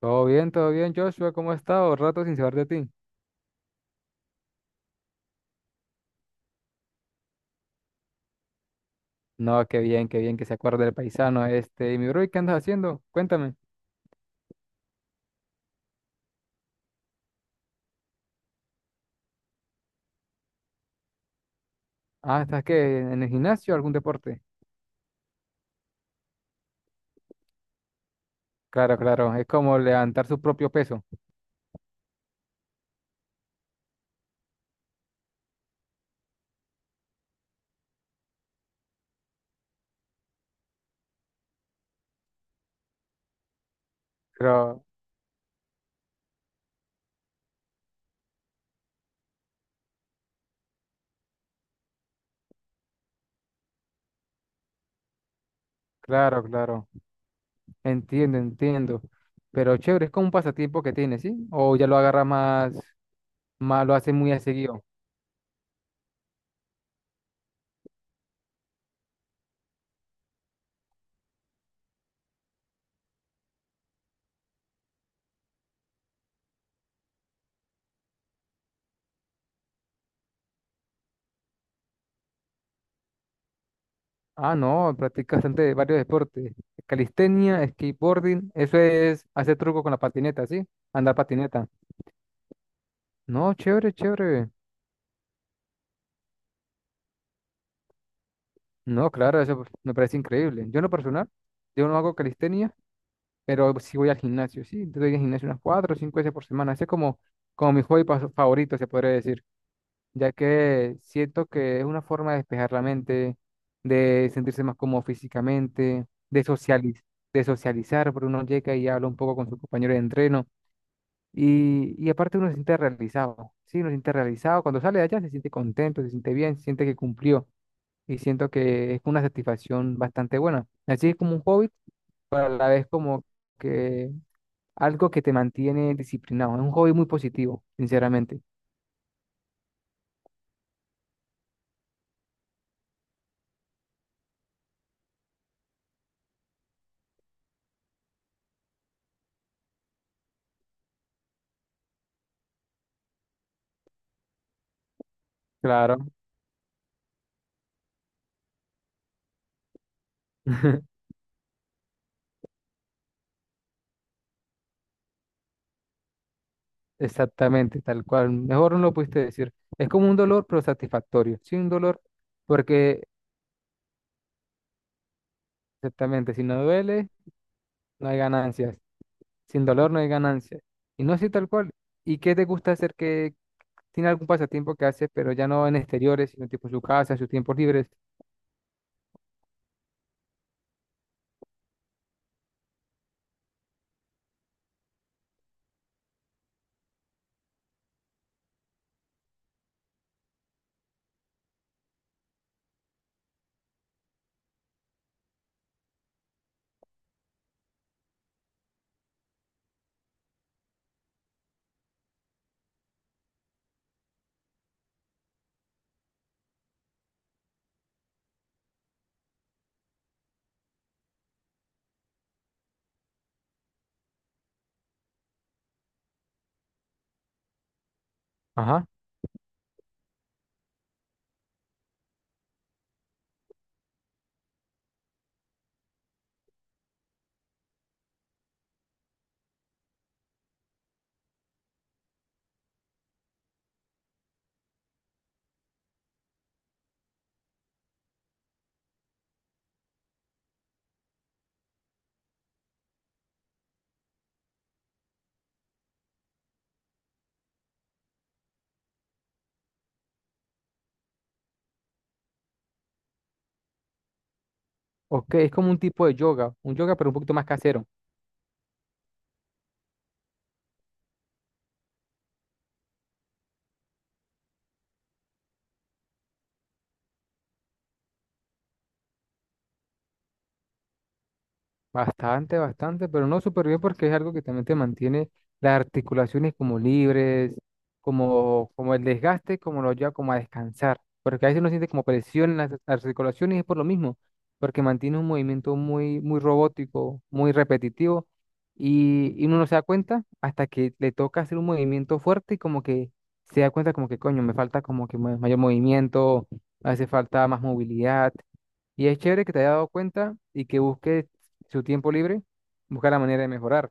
Todo bien, Joshua, ¿cómo has estado? Rato sin saber de ti. No, qué bien que se acuerde del paisano este. Y mi bro, ¿y qué andas haciendo? Cuéntame. Ah, ¿estás qué? ¿En el gimnasio algún deporte? Claro, claro, es como levantar su propio peso. Pero, claro, claro, entiendo. Pero chévere, es como un pasatiempo que tienes, ¿sí? O ya lo agarra más, más, lo hace muy a seguido. Ah, no, practica bastante varios deportes. Calistenia, skateboarding, eso es hacer truco con la patineta, ¿sí? Andar patineta. No, chévere, chévere. No, claro, eso me parece increíble. Yo en lo personal, yo no hago calistenia, pero sí voy al gimnasio, sí. Yo voy al gimnasio unas cuatro o cinco veces por semana. Ese es como, como mi hobby pas- favorito, se podría decir, ya que siento que es una forma de despejar la mente, de sentirse más cómodo físicamente, de socializ- de socializar, porque uno llega y habla un poco con sus compañeros de entreno. Y aparte uno se siente realizado, sí, uno se siente realizado. Cuando sale de allá se siente contento, se siente bien, se siente que cumplió. Y siento que es una satisfacción bastante buena. Así es como un hobby, pero a la vez como que algo que te mantiene disciplinado. Es un hobby muy positivo, sinceramente. Claro. Exactamente, tal cual. Mejor no lo pudiste decir. Es como un dolor, pero satisfactorio. Sin dolor, porque exactamente, si no duele, no hay ganancias. Sin dolor no hay ganancias. Y no así tal cual. ¿Y qué te gusta hacer que tiene algún pasatiempo que haces, pero ya no en exteriores, sino tipo en su casa, en sus tiempos libres? Ajá. Ok, es como un tipo de yoga, un yoga pero un poquito más casero. Bastante, bastante, pero no súper bien porque es algo que también te mantiene las articulaciones como libres, como, como el desgaste, como lo lleva como a descansar. Porque a veces uno siente como presión en las articulaciones y es por lo mismo, porque mantiene un movimiento muy, muy robótico, muy repetitivo y uno no se da cuenta hasta que le toca hacer un movimiento fuerte y como que se da cuenta como que coño, me falta como que ma- mayor movimiento, hace falta más movilidad. Y es chévere que te haya dado cuenta y que busques su tiempo libre, buscar la manera de mejorar.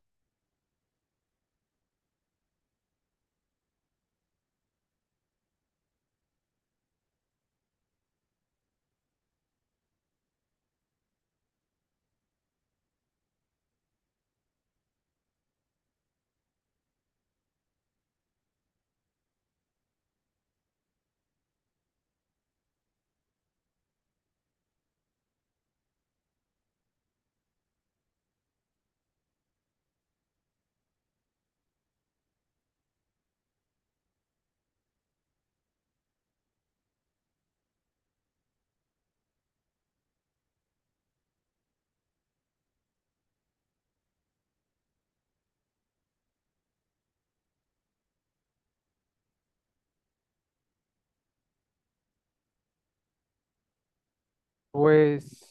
Pues,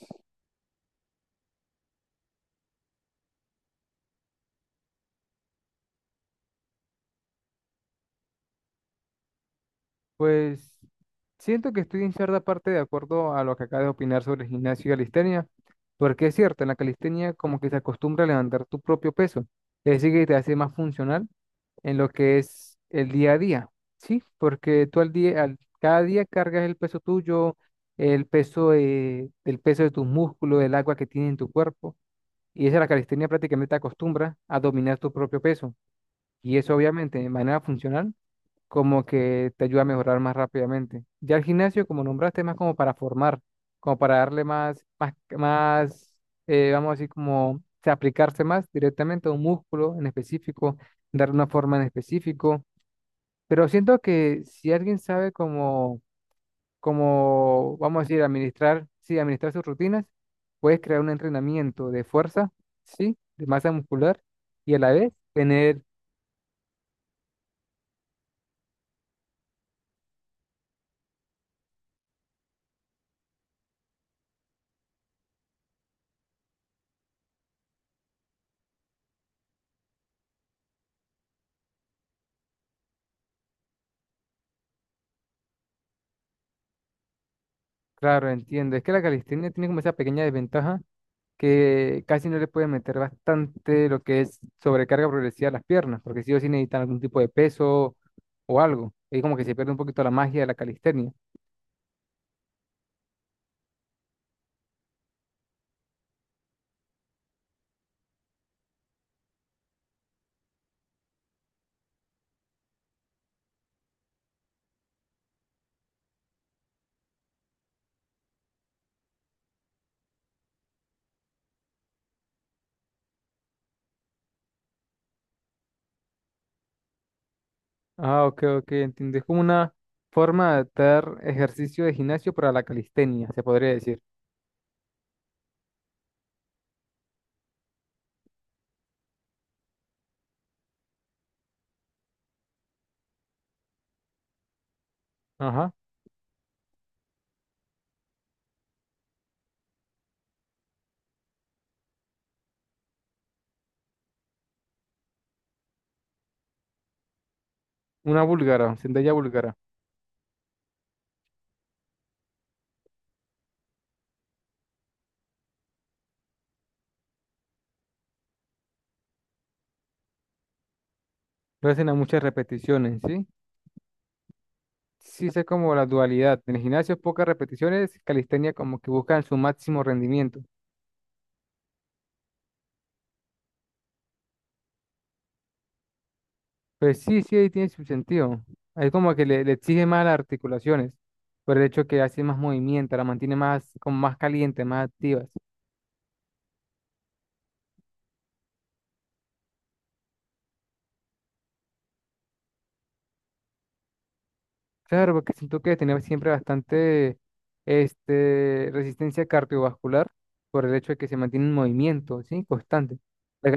pues, siento que estoy en cierta parte de acuerdo a lo que acabas de opinar sobre el gimnasio y calistenia, porque es cierto, en la calistenia como que se acostumbra a levantar tu propio peso, es decir, que te hace más funcional en lo que es el día a día, ¿sí? Porque tú al día, al- cada día cargas el peso tuyo, el peso de tus músculos, el agua que tiene en tu cuerpo. Y esa la calistenia prácticamente te acostumbra a dominar tu propio peso. Y eso obviamente de manera funcional como que te ayuda a mejorar más rápidamente. Ya el gimnasio, como nombraste, es más como para formar, como para darle más, más, más vamos a decir, como o sea, aplicarse más directamente a un músculo en específico, darle una forma en específico. Pero siento que si alguien sabe como como, vamos a decir, administrar, sí, administrar sus rutinas, puedes crear un entrenamiento de fuerza, sí, de masa muscular y a la vez tener, claro, entiendo, es que la calistenia tiene como esa pequeña desventaja que casi no le puede meter bastante lo que es sobrecarga progresiva a las piernas, porque sí o sí necesitan algún tipo de peso o algo. Ahí como que se pierde un poquito la magia de la calistenia. Ah, ok, ok, entiendo. Es como una forma de adaptar ejercicio de gimnasio para la calistenia, se podría decir. Ajá. Una búlgara, sentadilla búlgara. No hacen a muchas repeticiones, ¿sí? Sí sé como la dualidad. En el gimnasio pocas repeticiones, calistenia como que buscan su máximo rendimiento. Pues sí, sí, ahí tiene su sentido. Ahí como que le exige más las articulaciones, por el hecho que hace más movimiento, la mantiene más, como más caliente, más activas. Claro, porque siento que tener siempre bastante este, resistencia cardiovascular, por el hecho de que se mantiene en movimiento, ¿sí? Constante. La,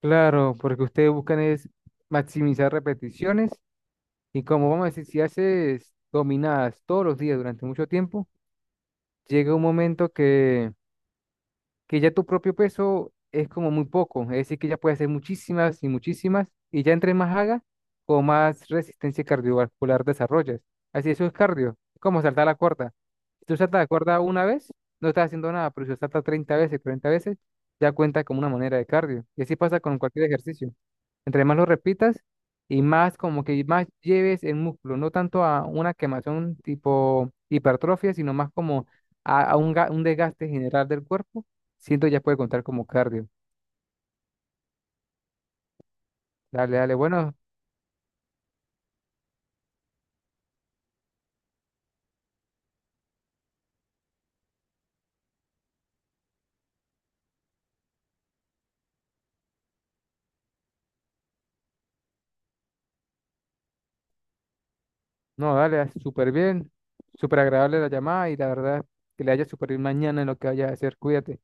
claro, porque ustedes buscan es maximizar repeticiones y como vamos a decir, si haces dominadas todos los días durante mucho tiempo, llega un momento que ya tu propio peso es como muy poco, es decir, que ya puedes hacer muchísimas y muchísimas y ya entre más hagas, con más resistencia cardiovascular desarrollas. Así eso es cardio, es como saltar la cuerda. Si tú saltas la cuerda una vez, no estás haciendo nada, pero si lo saltas 30 veces, 40 veces, ya cuenta como una manera de cardio. Y así pasa con cualquier ejercicio. Entre más lo repitas y más como que más lleves el músculo, no tanto a una quemación tipo hipertrofia, sino más como a un, ga- un desgaste general del cuerpo, siento ya puede contar como cardio. Dale, dale, bueno, no, dale, súper bien, súper agradable la llamada y la verdad que le haya súper bien mañana en lo que vaya a hacer, cuídate.